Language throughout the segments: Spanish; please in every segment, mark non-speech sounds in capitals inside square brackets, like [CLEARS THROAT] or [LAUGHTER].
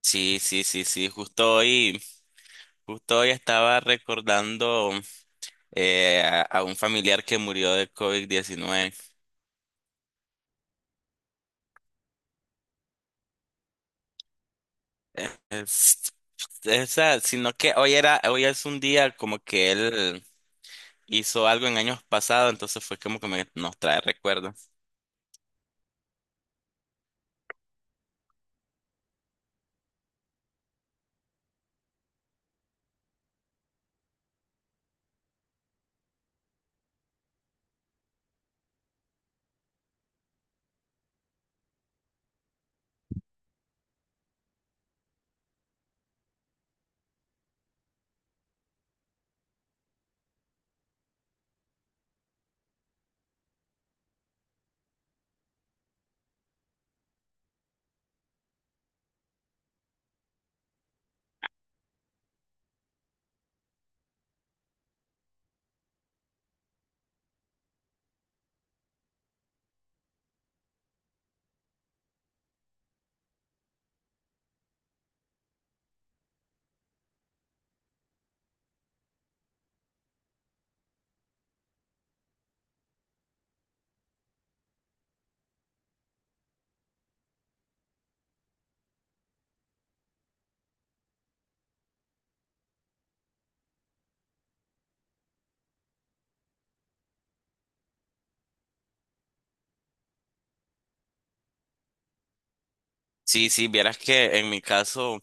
Sí, sí, sí, sí. Justo hoy estaba recordando a un familiar que murió de COVID-19. Eh, es- Esa, sino que hoy es un día como que él hizo algo en años pasados, entonces fue como que nos trae recuerdos. Sí, sí, vieras que en mi caso,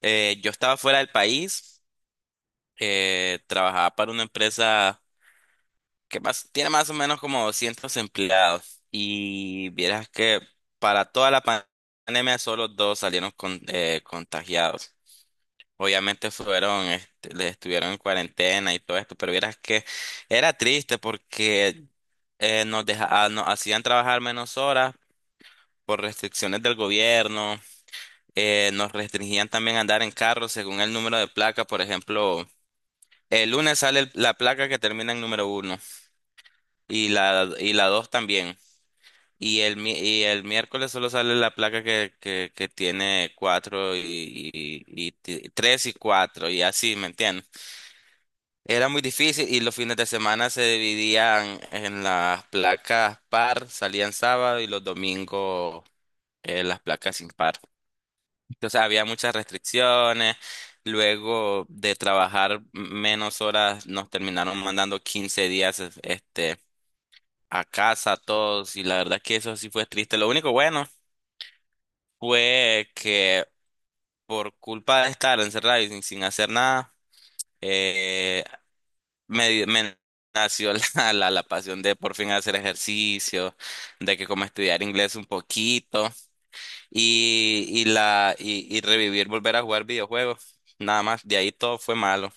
yo estaba fuera del país, trabajaba para una empresa. Tiene más o menos como 200 empleados y vieras que para toda la pandemia solo dos salieron contagiados. Obviamente fueron, les estuvieron en cuarentena y todo esto, pero vieras que era triste porque nos hacían trabajar menos horas por restricciones del gobierno, nos restringían también andar en carro según el número de placa, por ejemplo, el lunes sale la placa que termina en número uno y la dos también. Y el miércoles solo sale la placa que tiene cuatro y tres y cuatro y así, ¿me entiendes? Era muy difícil y los fines de semana se dividían en las placas par, salían sábado y los domingos las placas impar. Entonces había muchas restricciones. Luego de trabajar menos horas nos terminaron mandando 15 días a casa a todos y la verdad que eso sí fue triste. Lo único bueno fue que por culpa de estar encerrado y sin hacer nada, eh, me nació [LAUGHS] la pasión de por fin hacer ejercicio, de que como estudiar inglés un poquito y revivir, volver a jugar videojuegos. Nada más, de ahí todo fue malo.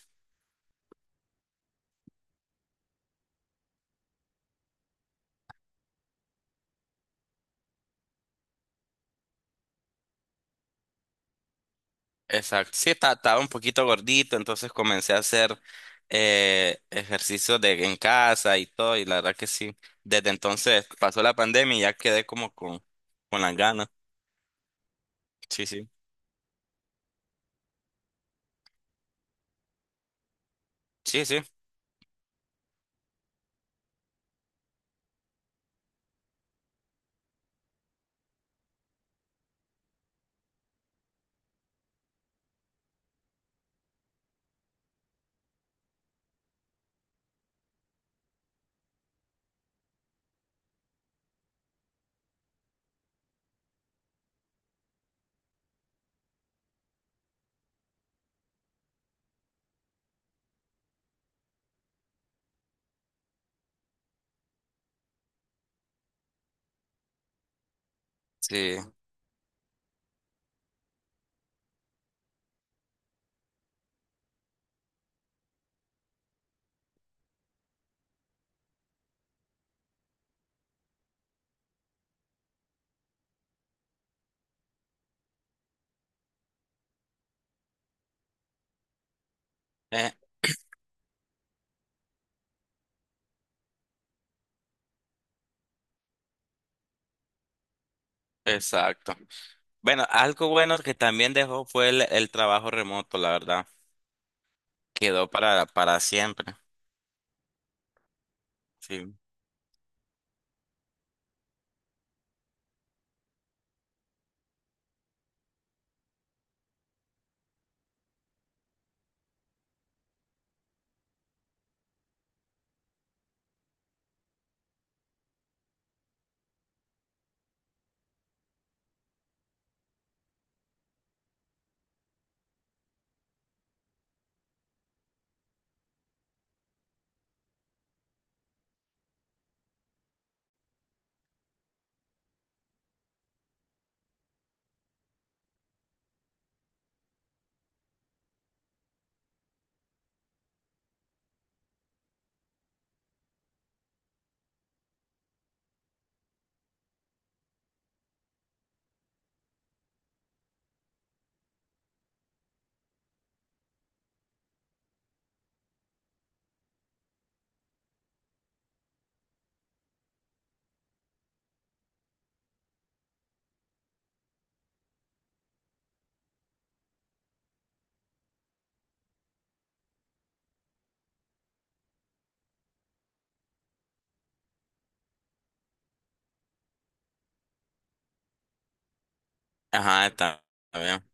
Exacto. Sí, estaba un poquito gordito, entonces comencé a hacer ejercicio de en casa y todo, y la verdad que sí. Desde entonces pasó la pandemia y ya quedé como con las ganas. Sí, sí. Sí, sí. Sí. Eh, exacto. Bueno, algo bueno que también dejó fue el trabajo remoto, la verdad. Quedó para siempre. Sí. Ajá, está bien.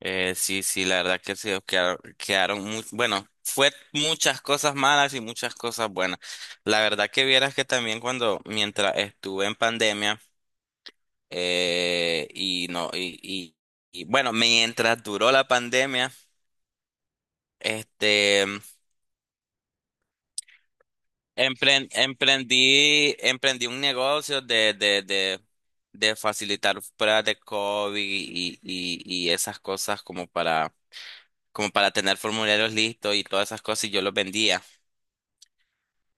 Sí, sí, la verdad que sí, quedaron bueno, fue muchas cosas malas y muchas cosas buenas. La verdad que vieras que también cuando, mientras estuve en pandemia, y no, y bueno, mientras duró la pandemia, este, emprendí un negocio de facilitar pruebas de COVID y esas cosas como para tener formularios listos y todas esas cosas y yo los vendía.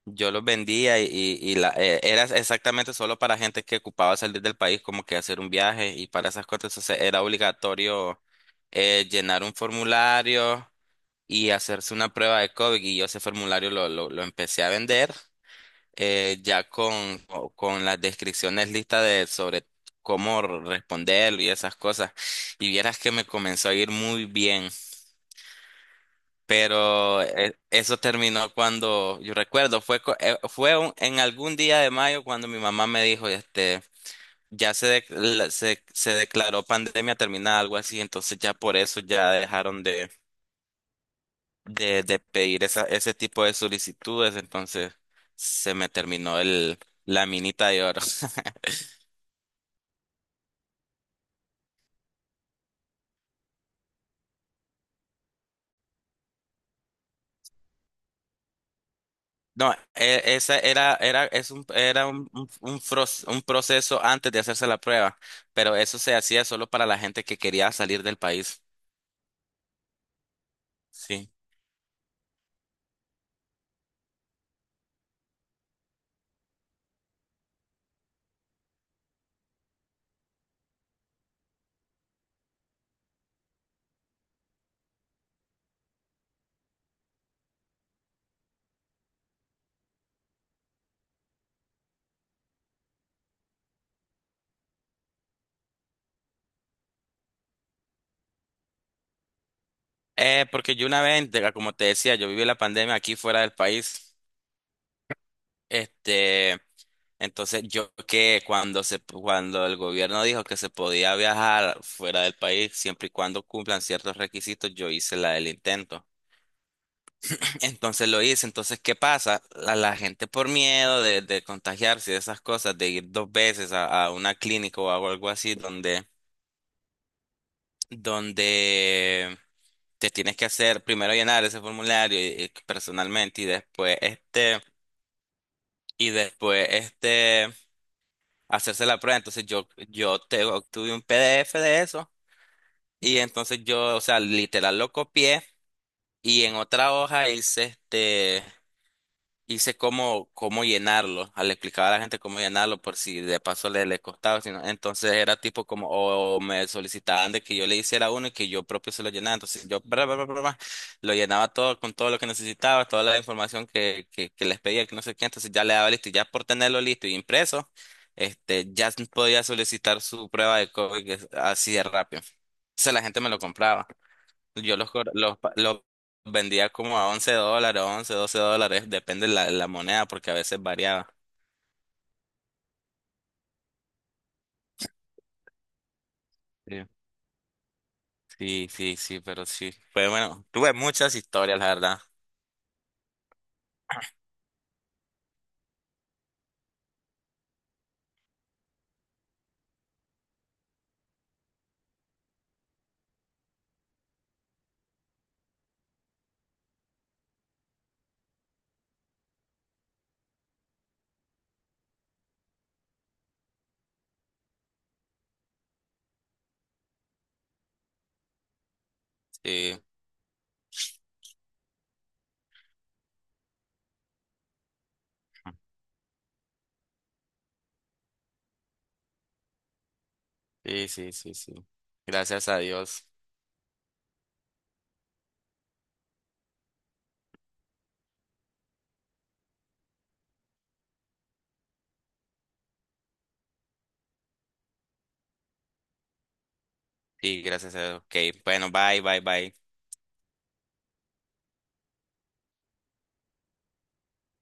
Yo los vendía y era exactamente solo para gente que ocupaba salir del país, como que hacer un viaje y para esas cosas. Entonces era obligatorio llenar un formulario y hacerse una prueba de COVID. Y yo ese formulario lo empecé a vender ya con las descripciones listas de, sobre cómo responderlo y esas cosas. Y vieras que me comenzó a ir muy bien. Pero eso terminó cuando, yo recuerdo, fue, co- fue un- en algún día de mayo cuando mi mamá me dijo, ya se, de- la- se declaró pandemia terminada, algo así, entonces ya por eso ya dejaron de pedir ese tipo de solicitudes, entonces se me terminó la minita de oro. [LAUGHS] No, e- esa era, era, es un, era un, un proceso antes de hacerse la prueba, pero eso se hacía solo para la gente que quería salir del país. Sí. Porque yo una vez, como te decía, yo viví la pandemia aquí fuera del país. Este, entonces yo que cuando el gobierno dijo que se podía viajar fuera del país, siempre y cuando cumplan ciertos requisitos, yo hice la del intento. [CLEARS THROAT] Entonces lo hice. Entonces, ¿qué pasa? La gente por miedo de contagiarse y de esas cosas, de ir dos veces a una clínica o algo así, donde te tienes que hacer primero llenar ese formulario y personalmente y después hacerse la prueba. Entonces yo te obtuve un PDF de eso y entonces yo, o sea, literal lo copié y en otra hoja hice cómo llenarlo. Le explicaba a la gente cómo llenarlo por si de paso le costaba. Entonces era tipo como, o me solicitaban de que yo le hiciera uno y que yo propio se lo llenara. Entonces yo bra, bra, bra, bra, bra, lo llenaba todo con todo lo que necesitaba, toda la información que les pedía, que no sé qué. Entonces ya le daba listo y ya por tenerlo listo y impreso, ya podía solicitar su prueba de COVID así de rápido. Entonces la gente me lo compraba. Yo los, cor- los, pa- los vendía como a $11, 11 $12, depende la moneda, porque a veces variaba. Sí, sí, sí, sí, pero sí. Pues bueno, tuve muchas historias, la verdad. Sí, sí, sí, sí, sí. Gracias a Dios. Sí, gracias a Dios. OK, bueno, bye, bye, bye.